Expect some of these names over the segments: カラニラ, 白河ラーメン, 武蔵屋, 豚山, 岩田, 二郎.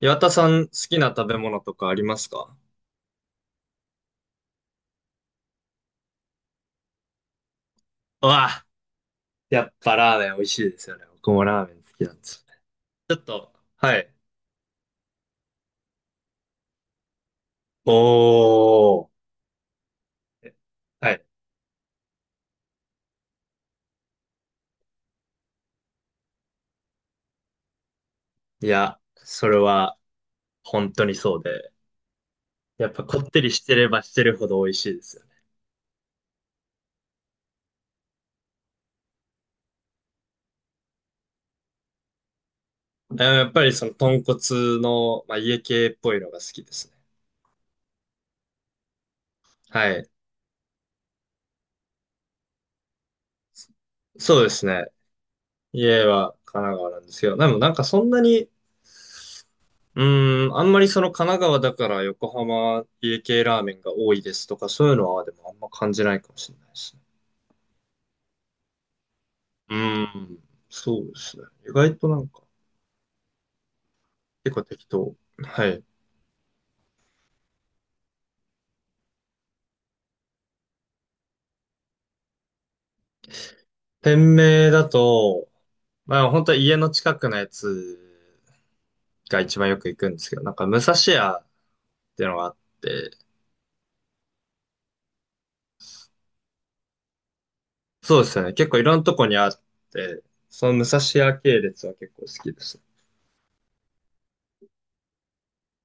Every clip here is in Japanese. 岩田さん好きな食べ物とかありますか？うわ、やっぱラーメン美味しいですよね。僕もラーメン好きなんですよね。ちょっと、はい。おー。え、はい。いや、それは本当にそうで。やっぱこってりしてればしてるほど美味しいですよね。あ、やっぱりその豚骨の、まあ、家系っぽいのが好きですね。はい。そうですね。家は神奈川なんですけど、でもなんかそんなにうあんまりその神奈川だから横浜家系ラーメンが多いですとか、そういうのはでもあんま感じないかもしれないですね。うーん、そうですね。意外となんか、結構適当。はい。店名だと、まあ本当は家の近くのやつが一番よく行くんですけど、なんか武蔵屋っていうのがあって、そうですよね。結構いろんなとこにあって、その武蔵屋系列は結構好きです。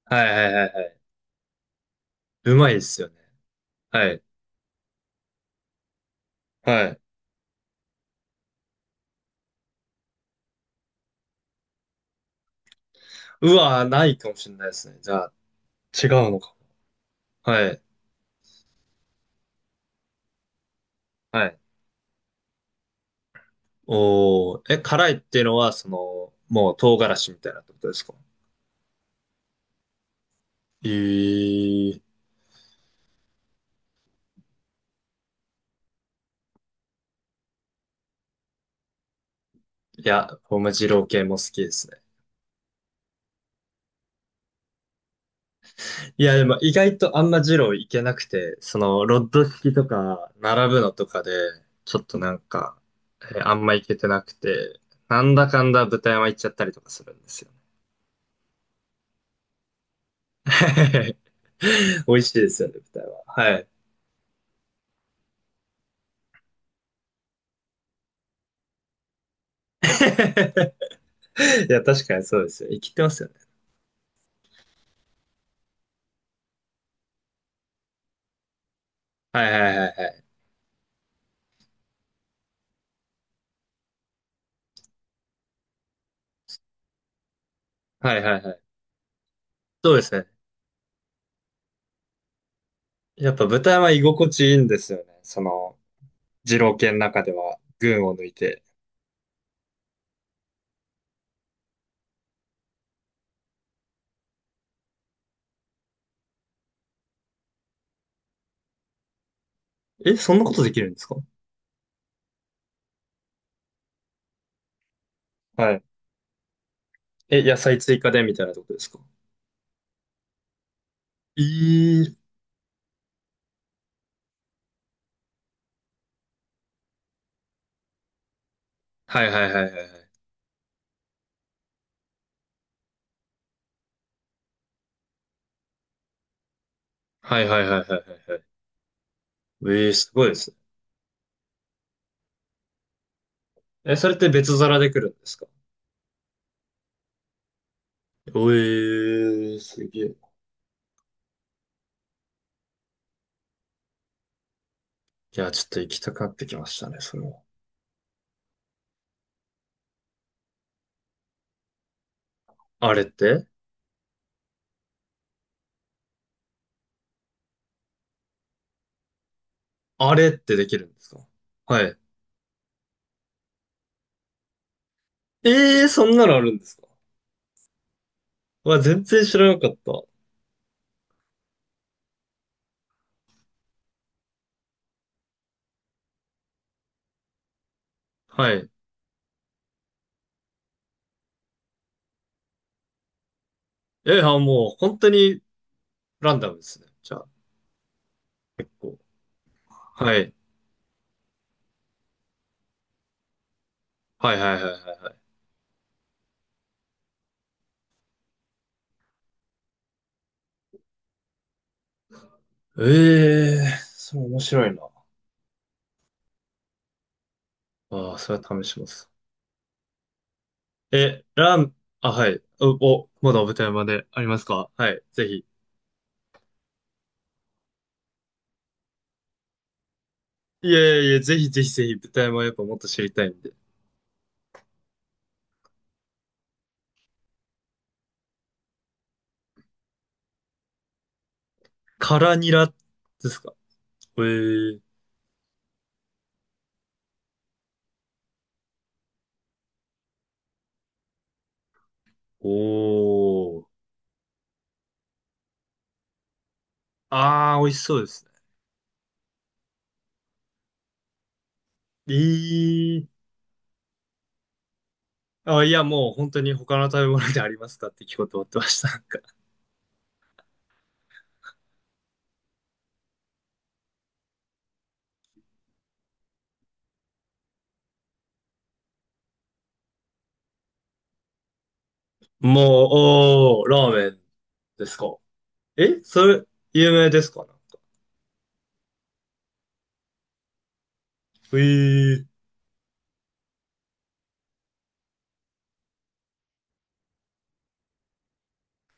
はいはいはいはい。うまいですよね。はい。はい。うわ、ないかもしれないですね。じゃあ、違うのかも。はい。はい。おー、え、辛いっていうのは、その、もう唐辛子みたいなってことですか？えー、いや、僕も二郎系も好きですね。いや、でも意外とあんま二郎いけなくて、その、ロッド式とか、並ぶのとかで、ちょっとなんか、あんまいけてなくて、なんだかんだ豚山行っちゃったりとかするんですよね。美味しいですよね、豚山。はい。いや、確かにそうですよ。生きてますよね。はいはいはいはい。はいはいはい。そうですね。やっぱ豚は居心地いいんですよね。その、二郎系の中では群を抜いて。え、そんなことできるんですか？はい。え、野菜追加でみたいなとこですか？えー。はいはいはいはいはい。はいはいはいはいはいはい。えー、すごいですね。え、それって別皿で来るんですか？おえー、すげえ。いや、ちょっと行きたくなってきましたね、それは。あれって？あれってできるんですか？はい。ええー、そんなのあるんですか？わ、全然知らなかった。はい。え、あ、もう本当にランダムですね。じゃあ、結構。はい。はいはいはいはいはい。ええー、それ面白いな。ああ、それは試します。え、ラン、あ、はい。お、お、まだ舞台までありますか？はい。ぜひ。いやいやいや、ぜひぜひぜひ、舞台もやっぱもっと知りたいんで。カラニラですか？ええー、おー。ああ、美味しそうですね。ええ、あ、いや、もう本当に他の食べ物でありますかって聞こうと思ってました。なんか、もう、おー、ラーメンですか。えそれ、有名ですかなんか。えー。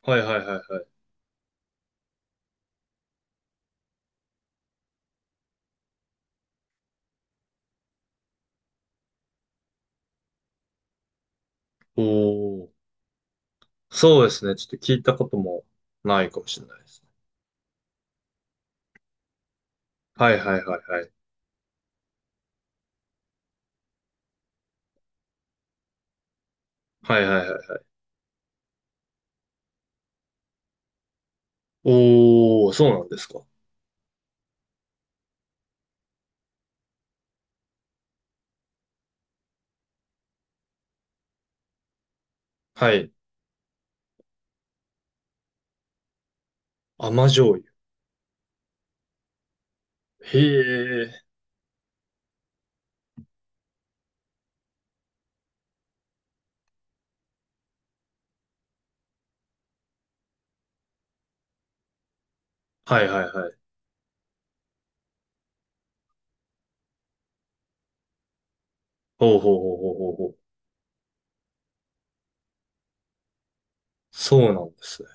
はいはいはいはい。おー。そうですね。ちょっと聞いたこともないかもしれないですね。はいはいはいはい。はいはいはい。おー、そうなんですか。はい。甘醤油。へえ。はいはいはい。ほうほうほうほうほうほう。そうなんですね。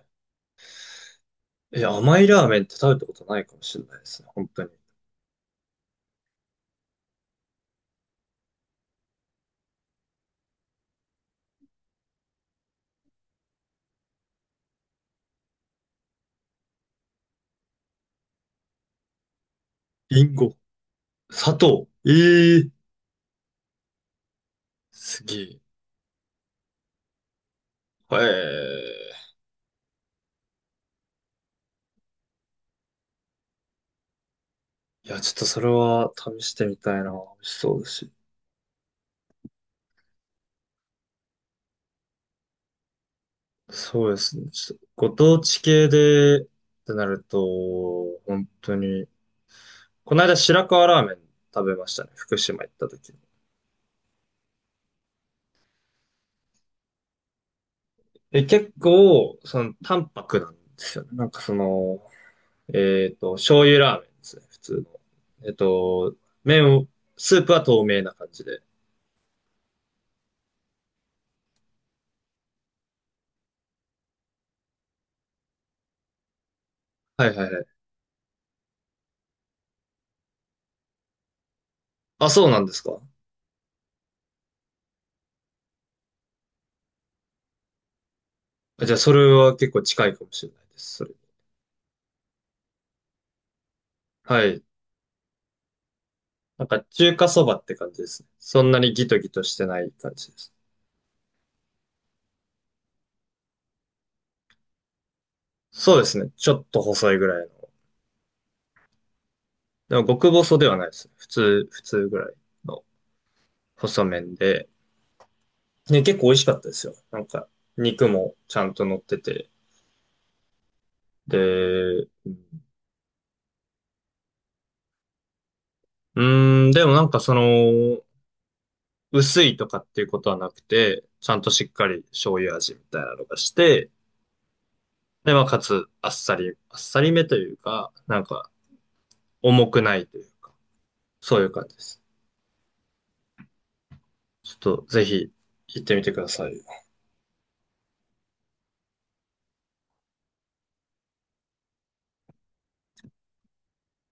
え、甘いラーメンって食べたことないかもしれないですね。本当に。りんご。砂糖。ええー、すげえ。ええ、いや、ちょっとそれは試してみたいな。美味しそうだし。そうですね。ちょっとご当地系でってなると、本当に、この間白河ラーメン食べましたね。福島行った時に。で、結構、その、淡白なんですよね。なんかその、えっと、醤油ラーメンですね。普通の。えっと、麺を、スープは透明な感じで。はいはいはい。あ、そうなんですか。あ、じゃあ、それは結構近いかもしれないです。それ。はい。なんか、中華そばって感じですね。そんなにギトギトしてない感じです。そうですね。ちょっと細いぐらいの。でも、極細ではないですね。普通、普通ぐらいの細麺で。ね、結構美味しかったですよ。なんか、肉もちゃんと乗ってて。で、うーん、でもなんかその、薄いとかっていうことはなくて、ちゃんとしっかり醤油味みたいなのがして、で、まあ、かつ、あっさり、あっさりめというか、なんか、重くないというか、そういう感じです。ちょっとぜひ行ってみてください。